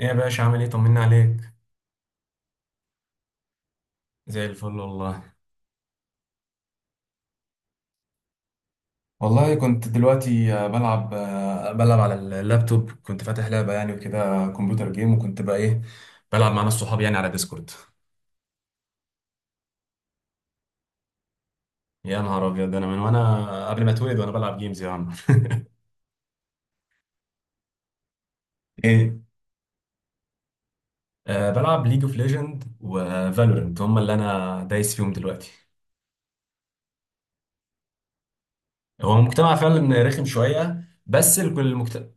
ايه يا باشا؟ عامل ايه؟ طمنا عليك. زي الفل والله. والله كنت دلوقتي بلعب على اللابتوب، كنت فاتح لعبة يعني وكده، كمبيوتر جيم، وكنت بقى ايه، بلعب مع ناس صحابي يعني على ديسكورد. يا نهار ابيض، انا من وانا قبل ما اتولد وانا بلعب جيمز يا عم. ايه، بلعب ليج اوف ليجند وفالورنت، هم اللي انا دايس فيهم دلوقتي. هو المجتمع فعلا رخم شوية، بس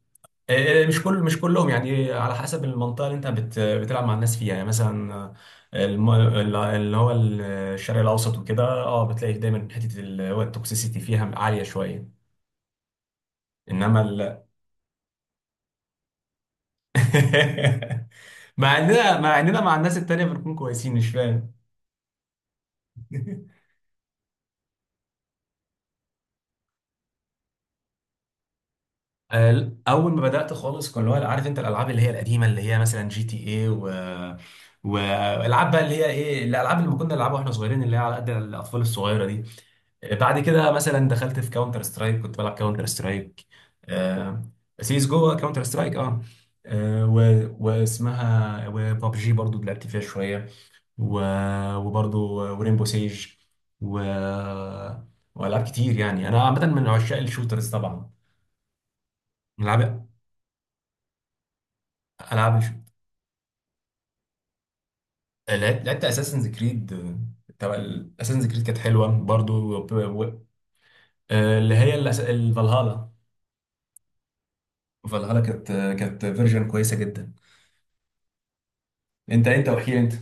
مش كلهم يعني، على حسب المنطقه اللي انت بتلعب مع الناس فيها يعني. مثلا اللي هو الشرق الاوسط وكده، بتلاقي دايما حته اللي هو التوكسيسيتي فيها عاليه شويه. انما ال... مع اننا مع الناس التانيه بنكون كويسين، مش فاهم. اول ما بدات خالص، كان اللي هو، عارف انت، الالعاب اللي هي القديمه، اللي هي مثلا جي تي اي، و والالعاب بقى اللي هي ايه، الالعاب اللي كنا نلعبها واحنا صغيرين، اللي هي على قد الاطفال الصغيره دي. بعد كده مثلا دخلت في كاونتر سترايك، كنت بلعب كاونتر سترايك. سيس جو، كاونتر سترايك، اه. وبابجي برضو لعبت فيها شويه. و... وبرضو ورينبو سيج. و... والعاب كتير يعني، انا عامه من عشاق الشوترز طبعا. من العاب العاب الش- لعبت اساسنز كريد، تبع. اساسنز كريد كانت حلوه برضو، اللي هي الفالهالا. فالهالا كانت، كانت فيرجن كويسه جدا. انت وحكي انت.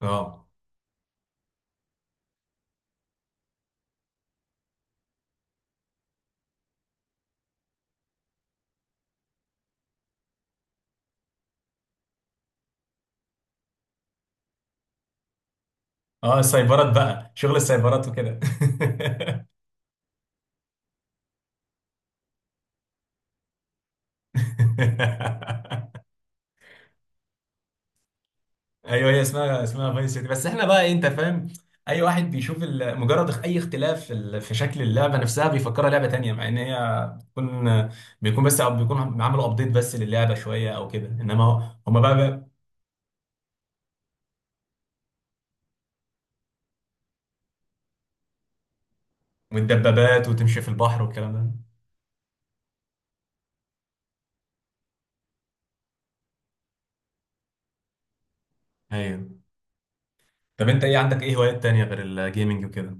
اه اه، السايبرات بقى، شغل السايبرات وكده. ايوه، هي اسمها فايس سيتي، بس احنا بقى انت فاهم، اي واحد بيشوف مجرد اي اختلاف في في شكل اللعبه نفسها بيفكرها لعبه تانية، مع ان هي بتكون بيكون بس بيكون عملوا ابديت بس للعبه شويه او كده، انما هما بقى، بقى. والدبابات، وتمشي في البحر، والكلام ده. ايوه. طب انت عندك ايه هوايات تانية غير الجيمنج وكده؟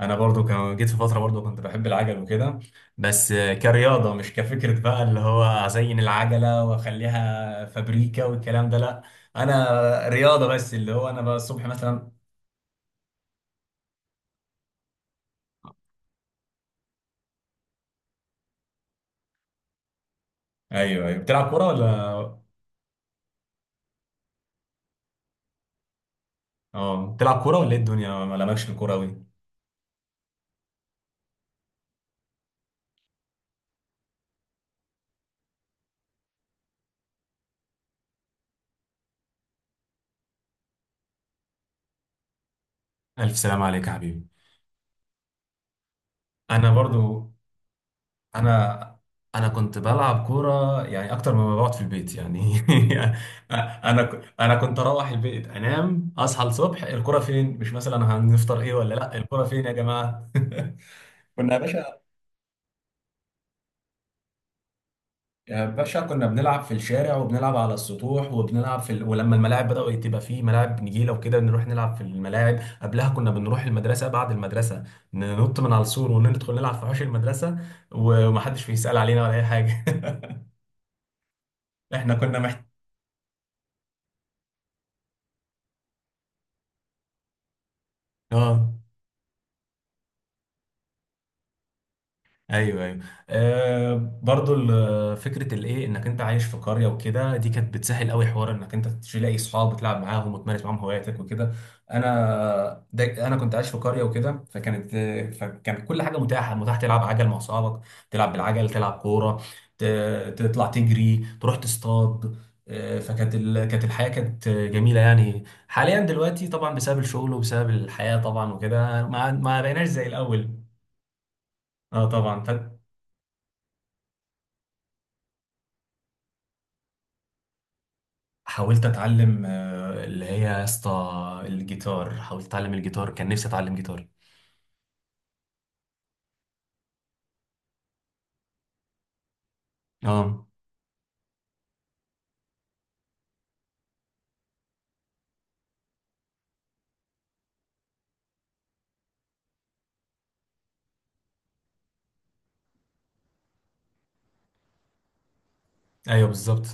انا برضو كان جيت في فتره برضو كنت بحب العجل وكده، بس كرياضه، مش كفكره بقى اللي هو ازين العجله واخليها فابريكا والكلام ده، لا. انا رياضه بس، اللي هو انا بقى الصبح مثلا. ايوه ايوه. بتلعب كوره ولا؟ اه بتلعب كوره ولا ايه الدنيا؟ ما لمكش في الكوره قوي. الف سلام عليك يا حبيبي. انا برضو. انا انا كنت بلعب كوره يعني اكتر مما بقعد في البيت يعني. انا كنت اروح البيت انام، اصحى الصبح، الكوره فين؟ مش مثلا هنفطر ايه ولا لا، الكوره فين يا جماعه؟ كنا يا باشا يا باشا، كنا بنلعب في الشارع، وبنلعب على السطوح، وبنلعب ولما الملاعب بدأوا تبقى فيه ملاعب نجيله وكده، نروح نلعب في الملاعب. قبلها كنا بنروح المدرسه بعد المدرسه، ننط من على السور وندخل نلعب في حوش المدرسه، ومحدش بيسأل علينا ولا اي حاجه. احنا كنا محت... اه، ايوه ايوه، آه. برضو فكره الايه، انك انت عايش في قريه وكده، دي كانت بتسهل قوي حوار انك انت تلاقي اصحاب وتلعب معاهم وتمارس معاهم هواياتك وكده. انا كنت عايش في قريه وكده، فكانت، فكان كل حاجه متاح تلعب عجل مع اصحابك، تلعب بالعجل، تلعب كوره، تطلع تجري، تروح تصطاد. كانت الحياه كانت جميله يعني. حاليا دلوقتي طبعا، بسبب الشغل وبسبب الحياه طبعا وكده، ما بقيناش زي الاول. اه طبعا. حاولت اتعلم اللي هي يا اسطى الجيتار، حاولت اتعلم الجيتار، كان نفسي اتعلم جيتار. اه. ايوه بالظبط.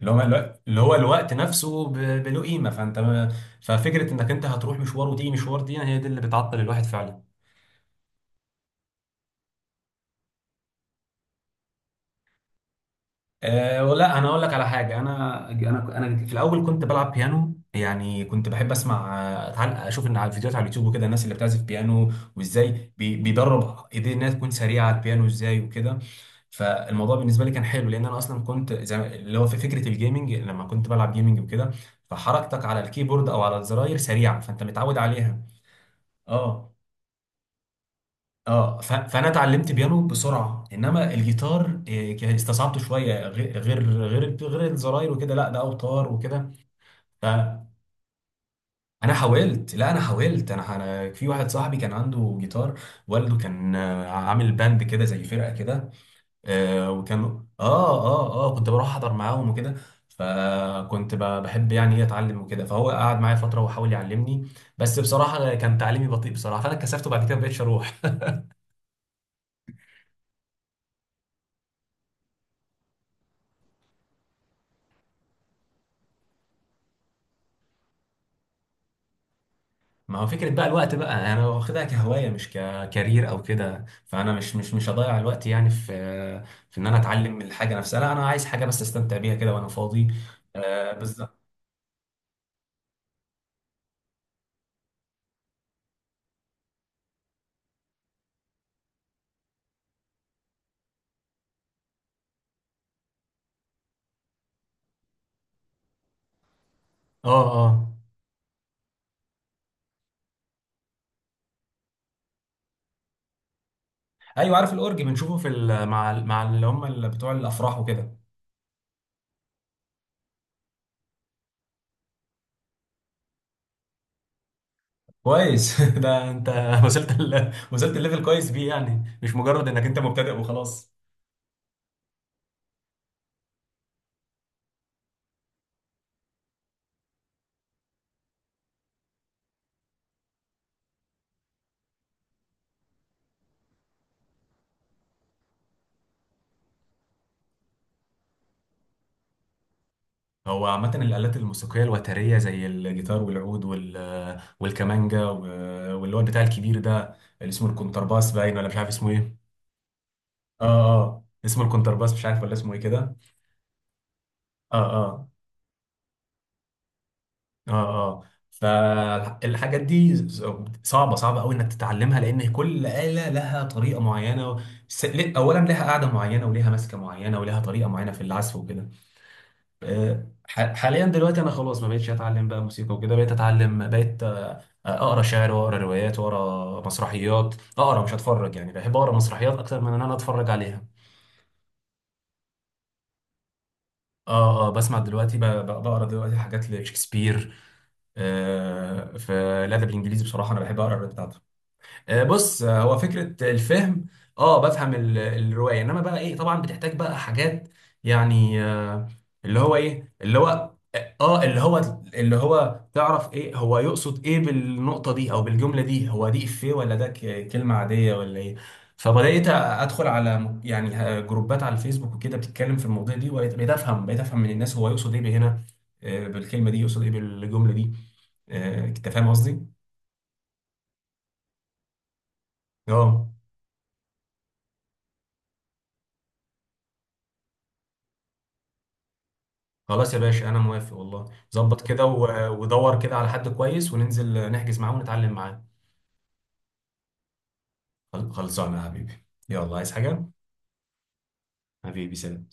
اللي هو الوقت، نفسه بله قيمه، فانت ما- ففكره انك انت هتروح مشوار وتيجي مشوار، دي هي دي اللي بتعطل الواحد فعلا. أه، ولا انا اقول لك على حاجه، انا في الاول كنت بلعب بيانو يعني، كنت بحب اسمع تعال اشوف ان على فيديوهات على اليوتيوب وكده الناس اللي بتعزف بيانو، وازاي بيدرب ايديه انها تكون سريعه على البيانو ازاي وكده. فالموضوع بالنسبه لي كان حلو، لان انا اصلا كنت زي ما- اللي هو في فكره الجيمنج، لما كنت بلعب جيمنج وكده، فحركتك على الكيبورد او على الزراير سريعه، فانت متعود عليها. اه اه. فانا اتعلمت بيانو بسرعه، انما الجيتار استصعبته شويه، غير الزراير وكده، لا ده اوتار وكده. فانا، حاولت، لا انا حاولت، انا في واحد صاحبي كان عنده جيتار، والده كان عامل باند كده زي فرقه كده. آه، وكان اه اه اه، كنت بروح احضر معاهم وكده. فكنت بحب يعني ايه اتعلم وكده، فهو قعد معايا فتره وحاول يعلمني، بس بصراحه كان تعليمي بطيء بصراحه، فانا اتكسفت وبعد كده ما بقتش اروح. ما هو فكرة بقى الوقت بقى، انا واخدها كهواية مش ككارير او كده، فانا مش هضيع الوقت يعني في، في ان انا اتعلم من الحاجة نفسها، لا انا عايز حاجة بس استمتع بيها كده وانا فاضي. آه بالظبط. اه اه. ايوه عارف الاورج، بنشوفه في ال- مع ال- مع اللي هم اللي بتوع الافراح وكده. كويس. ده انت وصلت الليفل كويس بيه يعني، مش مجرد انك انت مبتدئ وخلاص. هو عامة الآلات الموسيقية الوترية، زي الجيتار والعود والكمانجا واللي هو البتاع الكبير ده، اللي اسمه الكونترباس، باين ولا مش عارف اسمه ايه. اه اه، اسمه الكونترباس، مش عارف ولا اسمه ايه كده. اه اه اه اه. فالحاجات دي صعبة، صعبة قوي انك تتعلمها، لان كل آلة لها طريقة معينة. اولا لها قاعدة معينة، وليها ماسكة معينة، وليها طريقة معينة في العزف وكده. حاليا دلوقتي انا خلاص ما بقتش اتعلم بقى موسيقى وكده، بقيت اتعلم بقيت آه، اقرا شعر، واقرا روايات، واقرا مسرحيات. اقرا مش اتفرج يعني، بحب اقرا مسرحيات اكتر من ان انا اتفرج عليها. اه اه. بسمع دلوقتي، بقرا دلوقتي حاجات لشكسبير. في الادب الانجليزي بصراحه انا بحب اقرا الروايات بتاعته. بص، هو فكرة الفهم، اه، بفهم الرواية، انما بقى ايه، طبعا بتحتاج بقى حاجات يعني، آه، اللي هو ايه اللي هو اه آه، اللي هو اللي هو تعرف ايه هو يقصد ايه بالنقطة دي او بالجملة دي، هو دي افيه ولا ده كلمة عادية ولا ايه. فبدأت ادخل على يعني جروبات على الفيسبوك وكده بتتكلم في المواضيع دي، وبقيت بقيت افهم بقيت افهم من الناس هو يقصد ايه بهنا، بالكلمة دي يقصد ايه، بالجملة دي. انت فاهم قصدي؟ اه، خلاص يا باشا انا موافق والله، ظبط كده، ودور كده على حد كويس وننزل نحجز معاه ونتعلم معاه. خلصانه يا حبيبي، يلا، عايز حاجه؟ حبيبي سلام.